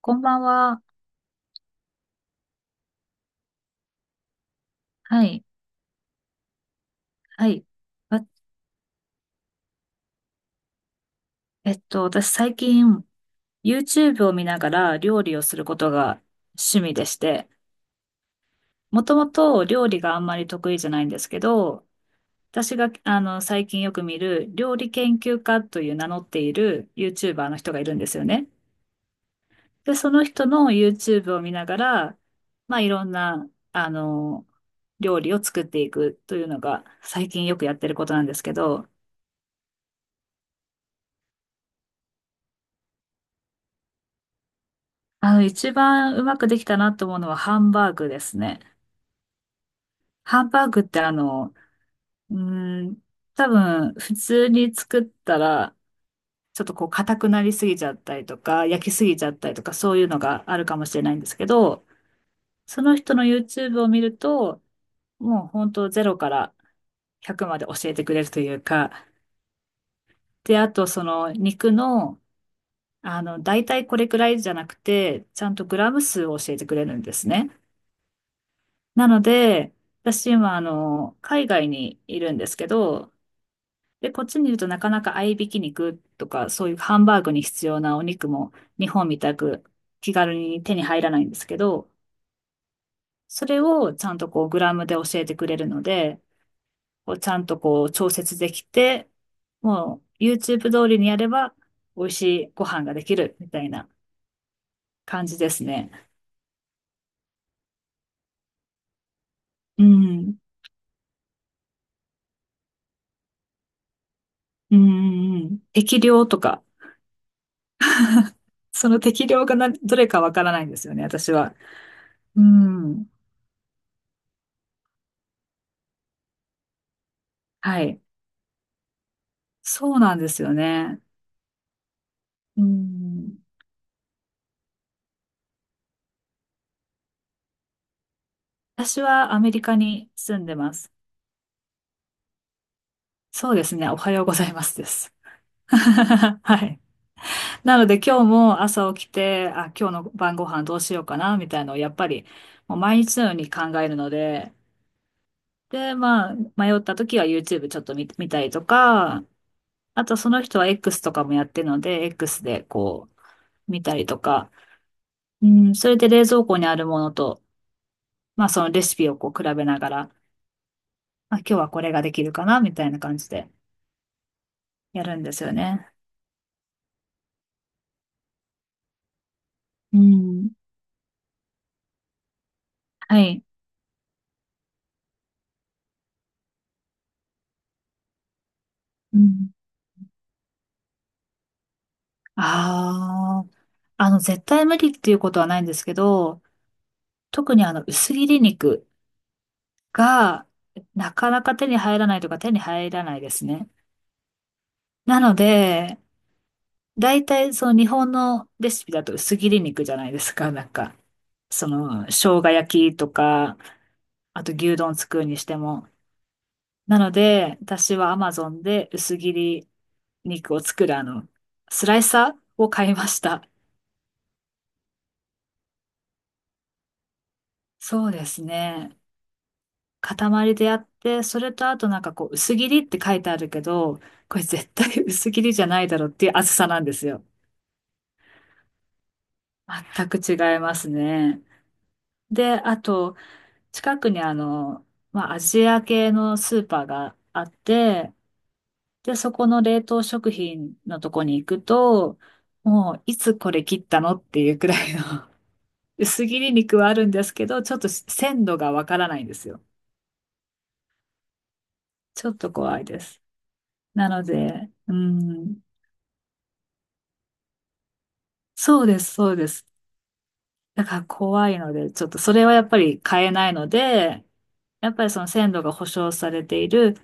こんばんは。はい。はい。わえっと、私最近 YouTube を見ながら料理をすることが趣味でして、もともと料理があんまり得意じゃないんですけど、私が最近よく見る料理研究家という名乗っている YouTuber の人がいるんですよね。で、その人の YouTube を見ながら、まあいろんな、料理を作っていくというのが最近よくやってることなんですけど、一番うまくできたなと思うのはハンバーグですね。ハンバーグってうーん、多分普通に作ったら、ちょっとこう硬くなりすぎちゃったりとか、焼きすぎちゃったりとか、そういうのがあるかもしれないんですけど、その人の YouTube を見ると、もう本当ゼロから100まで教えてくれるというか、で、あとその肉の、大体これくらいじゃなくて、ちゃんとグラム数を教えてくれるんですね。なので、私今、海外にいるんですけど、で、こっちにいるとなかなか合いびき肉とか、そういうハンバーグに必要なお肉も日本みたく気軽に手に入らないんですけど、それをちゃんとこうグラムで教えてくれるので、こうちゃんとこう調節できて、もう YouTube 通りにやれば美味しいご飯ができるみたいな感じですね。うん。うんうんうん。適量とか、その適量がなどれかわからないんですよね、私は。うん。はい。そうなんですよね。うん。私はアメリカに住んでます。そうですね。おはようございますです。はい。なので今日も朝起きて、あ、今日の晩ご飯どうしようかな、みたいのをやっぱりもう毎日のように考えるので、で、まあ、迷った時は YouTube ちょっと見たりとか、あとその人は X とかもやってるので、X で見たりとか、うん、それで冷蔵庫にあるものと、まあそのレシピをこう比べながら、あ、今日はこれができるかな、みたいな感じでやるんですよね。うん。はい。うん。ああ、絶対無理っていうことはないんですけど、特に薄切り肉が、なかなか手に入らないとか手に入らないですね。なので、大体その日本のレシピだと薄切り肉じゃないですか、なんか。その、生姜焼きとか、あと牛丼作るにしても。なので、私は Amazon で薄切り肉を作るスライサーを買いました。そうですね。塊でやって、それとあとなんかこう、薄切りって書いてあるけど、これ絶対薄切りじゃないだろうっていう厚さなんですよ。全く違いますね。で、あと、近くにまあ、アジア系のスーパーがあって、で、そこの冷凍食品のとこに行くと、もう、いつこれ切ったのっていうくらいの薄切り肉はあるんですけど、ちょっと鮮度がわからないんですよ。ちょっと怖いです。なので、うん、そうです、そうです。だから怖いので、ちょっとそれはやっぱり買えないので、やっぱりその鮮度が保証されている、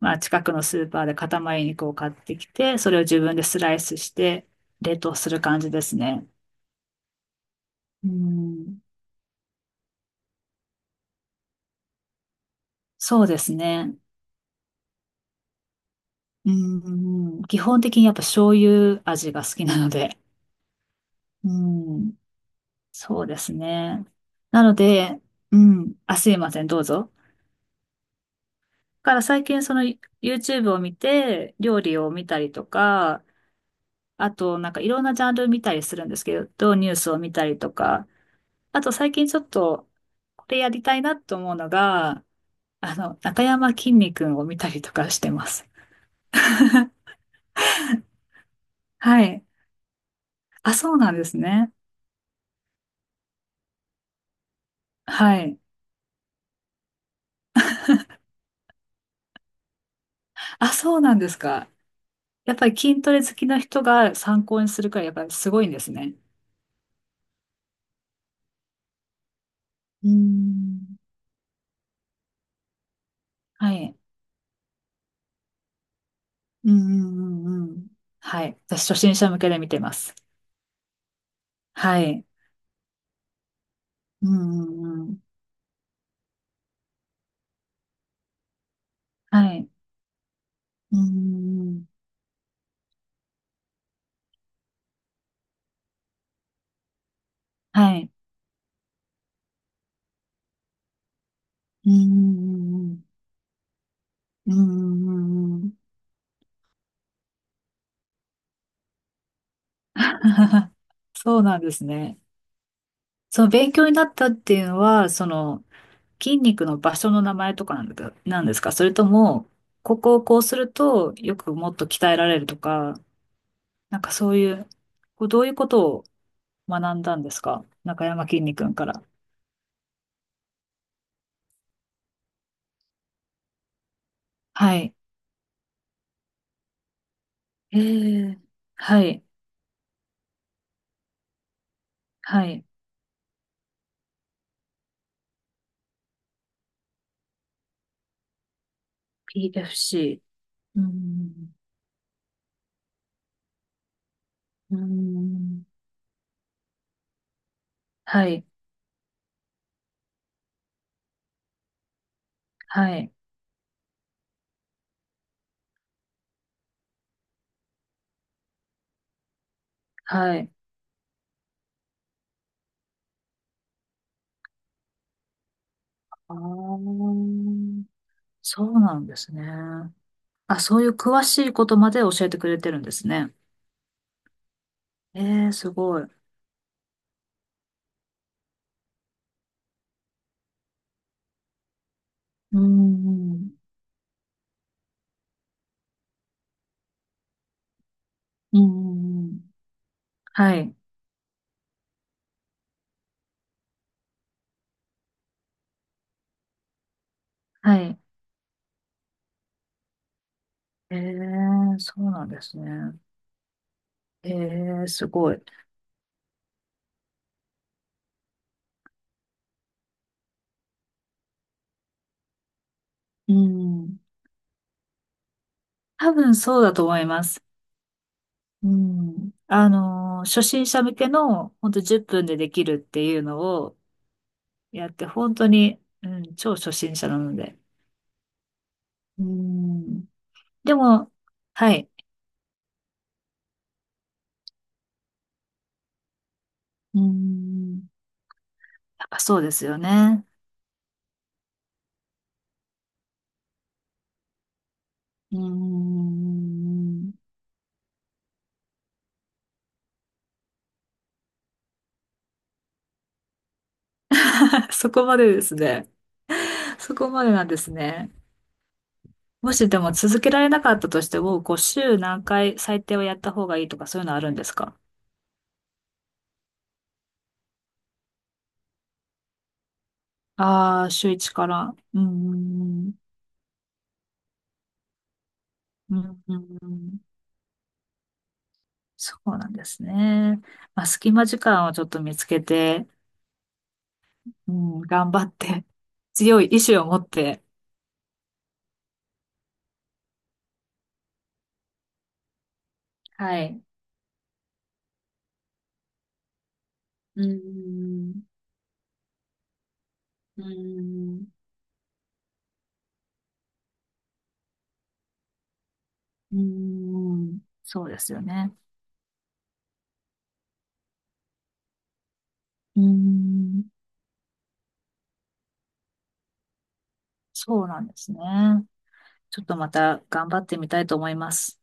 まあ近くのスーパーで塊肉を買ってきて、それを自分でスライスして冷凍する感じですね。うん、そうですね。うん、基本的にやっぱ醤油味が好きなので、うん、そうですね。なので、うん、あ、すいません、どうぞ。だから最近その YouTube を見て、料理を見たりとか、あとなんかいろんなジャンル見たりするんですけど、ニュースを見たりとか、あと最近ちょっとこれやりたいなと思うのが、中山きんに君を見たりとかしてます。はい。あ、そうなんですね。はい。あ、そうなんですか。やっぱり筋トレ好きな人が参考にするからいやっぱりすごいんですね。うーん。はい。うんうんうんうん。はい。私、初心者向けで見てます。はい。うんうんうん。はい。うんうんうん。はい。うんうんうん。うんうんうんうんうんうん。 そうなんですね。その勉強になったっていうのは、その筋肉の場所の名前とかなんだかなんですか、それとも、ここをこうするとよくもっと鍛えられるとか、なんかそういう、こうどういうことを学んだんですか中山きんに君から。はい。ええ。はい。はい。PFC。うん。うん。はい。はい。はい。ああ、そうなんですね。あ、そういう詳しいことまで教えてくれてるんですね。えー、すごい。うん。うん。うんはい。はい。えー、そうなんですね。えー、すごい。うん。多分そうだと思います。うん。初心者向けの、ほんと10分でできるっていうのやって、本当に、うん、超初心者なので。うん。でも、はい。うん。やっぱそうですよね。うん。そこまでですね。そこまでなんですね。もしでも続けられなかったとしても、こう週何回最低はやった方がいいとかそういうのあるんですか？ああー、週1から。うん。うん。うん。そうなんですね。まあ、隙間時間をちょっと見つけて、うん、頑張って、強い意志を持って、はい。うーん、うーん、うーん、そうですよね。うーん、そうなんですね。ちょっとまた頑張ってみたいと思います。